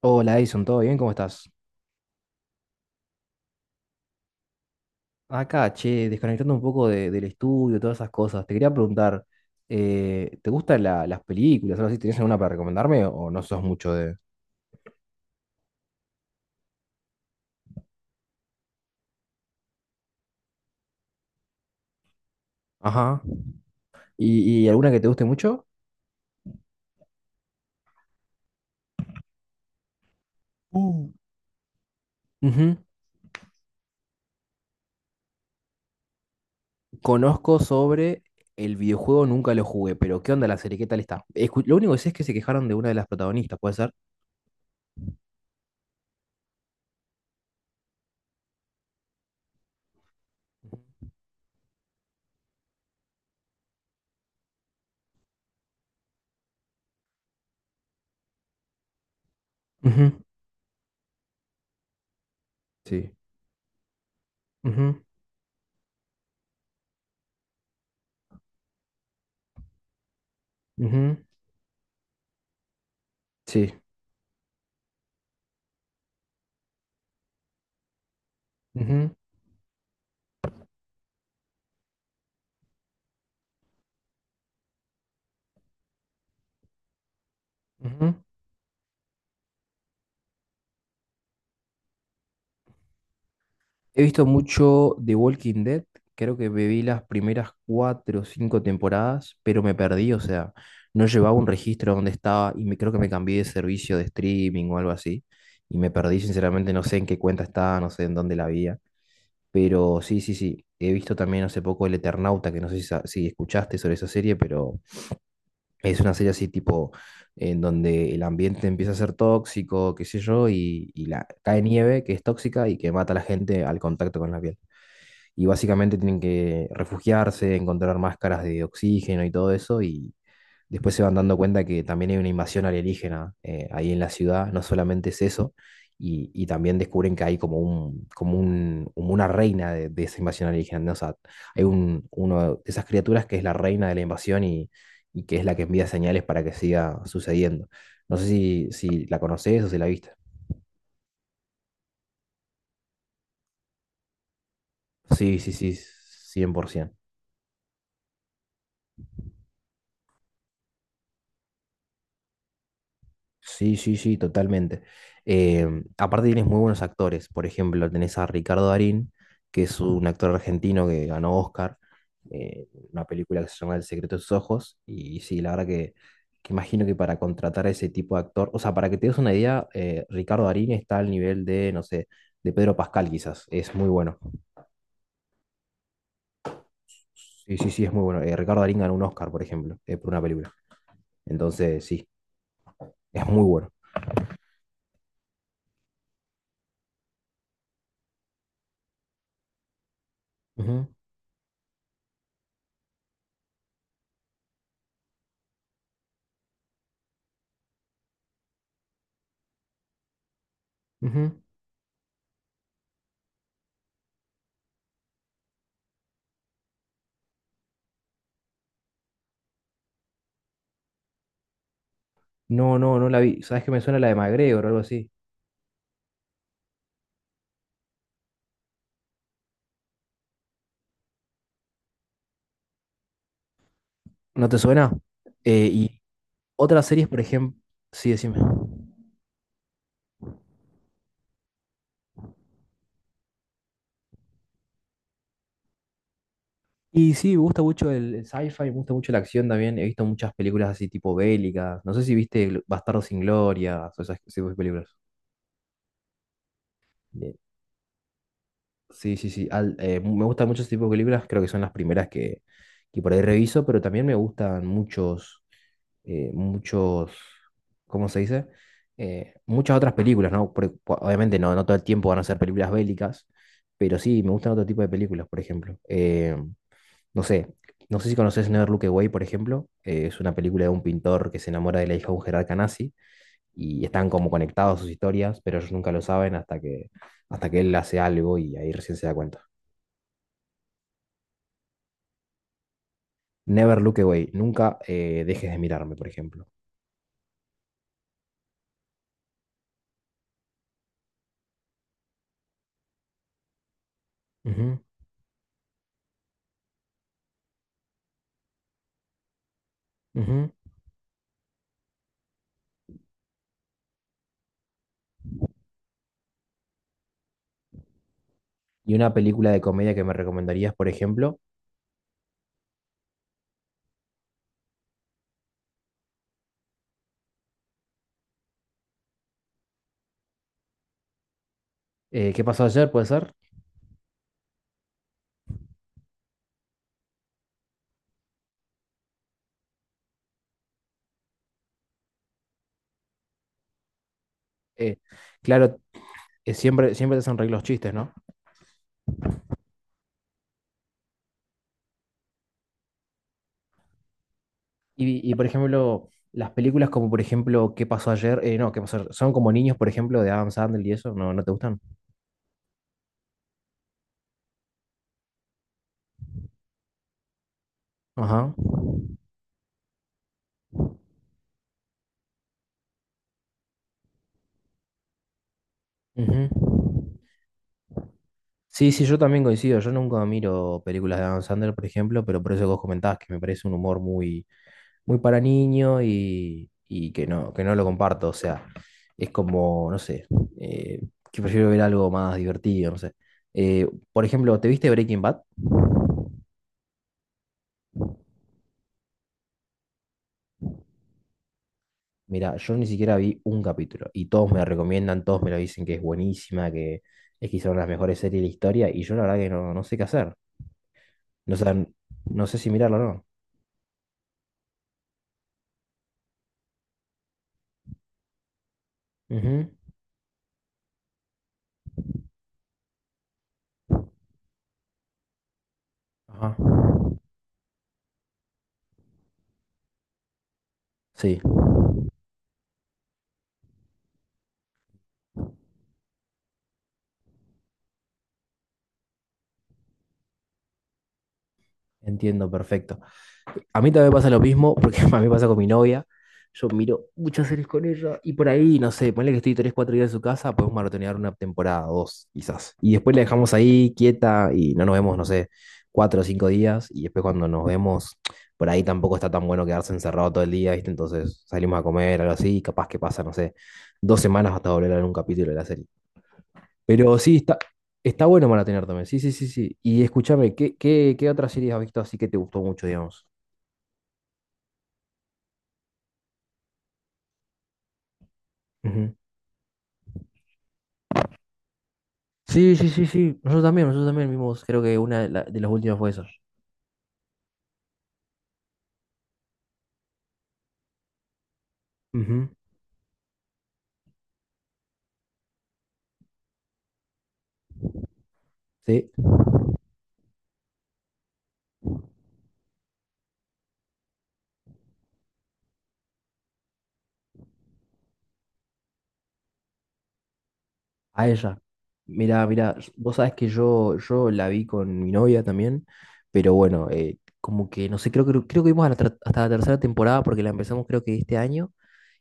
Hola Edison, ¿todo bien? ¿Cómo estás? Acá, che, desconectando un poco del estudio, todas esas cosas. Te quería preguntar, ¿te gustan las películas? ¿Algo así? ¿Tenés alguna para recomendarme o no sos mucho de...? Ajá. Y alguna que te guste mucho? Uh. Ujú. Conozco sobre el videojuego, nunca lo jugué, pero ¿qué onda la serie? ¿Qué tal está? Lo único que sé es que se quejaron de una de las protagonistas, ¿puede ser? Ujú. Sí. Ujú, ujú. Sí. Ujú, ujú. He visto mucho The Walking Dead, creo que me vi las primeras cuatro o cinco temporadas, pero me perdí, o sea, no llevaba un registro donde estaba y me, creo que me cambié de servicio de streaming o algo así, y me perdí sinceramente, no sé en qué cuenta estaba, no sé en dónde la había, pero sí, sí, sí, he visto también hace poco El Eternauta, que no sé si, si escuchaste sobre esa serie, pero es una serie así tipo en donde el ambiente empieza a ser tóxico, qué sé yo, y la, cae nieve que es tóxica y que mata a la gente al contacto con la piel y básicamente tienen que refugiarse, encontrar máscaras de oxígeno y todo eso, y después se van dando cuenta que también hay una invasión alienígena ahí en la ciudad, no solamente es eso, y también descubren que hay como una reina de esa invasión alienígena, ¿no? O sea, hay un, uno de esas criaturas que es la reina de la invasión y que es la que envía señales para que siga sucediendo. No sé si, si la conoces o si la viste. Sí, sí, sí, 100%. Sí, sí, sí, totalmente. Em, aparte tienes muy buenos actores. Por ejemplo, tenés a Ricardo Darín, que es un actor argentino que ganó Oscar, una película que se llama El secreto de sus ojos. Y sí, la verdad que imagino que para contratar a ese tipo de actor, o sea, para que te des una idea, Ricardo Darín está al nivel de, no sé, de Pedro Pascal quizás. Es muy bueno. Sí, sí, sí, es muy bueno. Ricardo Darín ganó un Oscar, por ejemplo, por una película. Entonces, sí, es muy bueno. Ujú, ujú. No, no, no la vi. ¿Sabes que me suena la de MacGregor o algo así? ¿No te suena? Y otras series, por ejemplo. Sí, decime. Y sí, me gusta mucho el sci-fi, me gusta mucho la acción también. He visto muchas películas así tipo bélicas. No sé si viste Bastardos sin Gloria o esas ese tipo de películas. Bien. Sí, sí, sí. Me gustan muchos tipos de películas. Creo que son las primeras que por ahí reviso, pero también me gustan muchos. eh, muchos, ¿Cómo se dice? Muchas otras películas, ¿no? Porque, obviamente no, no todo el tiempo van a ser películas bélicas, pero sí, me gustan otro tipo de películas, por ejemplo. No sé, no sé si conoces Never Look Away, por ejemplo. Es una película de un pintor que se enamora de la hija de un jerarca nazi y están como conectados sus historias, pero ellos nunca lo saben hasta que él hace algo y ahí recién se da cuenta. Never Look Away, nunca dejes de mirarme, por ejemplo. Ujú, ujú. Y una película de comedia que me recomendarías, por ejemplo, ¿Qué pasó ayer? ¿Puede ser? Eh, claro, siempre te hacen reír los chistes, ¿no? Y, por ejemplo, las películas como, por ejemplo, ¿Qué pasó ayer? No, ¿Qué pasó ayer? Son como niños, por ejemplo, de Adam Sandler y eso, ¿no, no te gustan? Ajá. Ujú. Sí, sí, yo también coincido. Yo nunca miro películas de Adam Sandler, por ejemplo, pero por eso que vos comentabas que me parece un humor muy, muy para niño y que no lo comparto. O sea, es como, no sé, eh, que prefiero ver algo más divertido, no sé. Eh, por ejemplo, ¿te viste Breaking Bad? Mira, yo ni siquiera vi un capítulo y todos me la recomiendan, todos me lo dicen que es buenísima, que es quizá una de las mejores series de la historia y yo la verdad que no, no sé qué hacer. No sé, no sé si mirarlo o no. Ujú. Ajá. Sí, entiendo, perfecto. A mí también me pasa lo mismo, porque a mí me pasa con mi novia. Yo miro muchas series con ella y por ahí, no sé, ponle que estoy 3 4 días en su casa, podemos maratonear una temporada, dos, quizás. Y después la dejamos ahí quieta y no nos vemos, no sé, 4 o 5 días. Y después cuando nos vemos, por ahí tampoco está tan bueno quedarse encerrado todo el día, ¿viste? Entonces salimos a comer, algo así, y capaz que pasa, no sé, dos semanas hasta volver a ver un capítulo de la serie. Pero sí, está, está bueno maratonear también, sí, sí, sí, sí. Y escúchame, ¿qué, qué, qué otra serie has visto así que te gustó mucho, digamos? Sí, sí, sí, sí. Nosotros también vimos, creo que una de, de las últimas fue esa. Ujú. Sí, a ella. Mirá, mirá, vos sabés que yo la vi con mi novia también, pero bueno, como que no sé, creo que vimos a hasta la 3.ª temporada porque la empezamos creo que este año.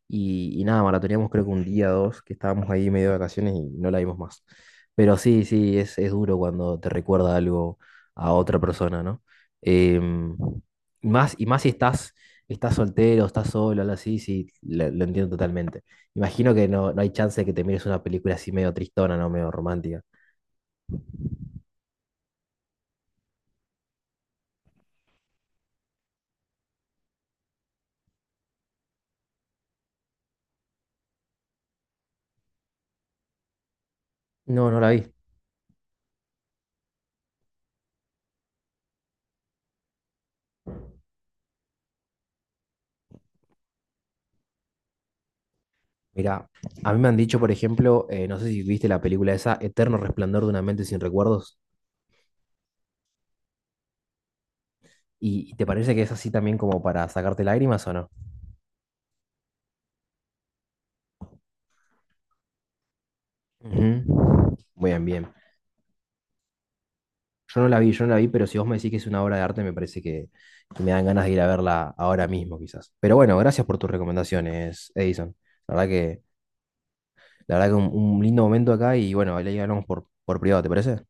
Y nada, maratoneamos creo que un día dos, que estábamos ahí medio de vacaciones y no la vimos más. Pero sí, sí, es duro cuando te recuerda algo a otra persona, ¿no? Em, Más, y más si estás, estás soltero, estás solo, algo así, sí, lo entiendo totalmente. Imagino que no, no hay chance de que te mires una película así medio tristona, ¿no? Medio romántica. No, no la vi. Mira, a mí me han dicho, por ejemplo, no sé si viste la película esa, Eterno Resplandor de una mente sin recuerdos, ¿y y te parece que es así también como para sacarte lágrimas o no? Ujú. Bien, bien. Yo no la vi, yo no la vi, pero si vos me decís que es una obra de arte, me parece que me dan ganas de ir a verla ahora mismo, quizás. Pero bueno, gracias por tus recomendaciones, Edison. La verdad que, la verdad que un lindo momento acá y bueno, ahí hablamos por privado, ¿te parece?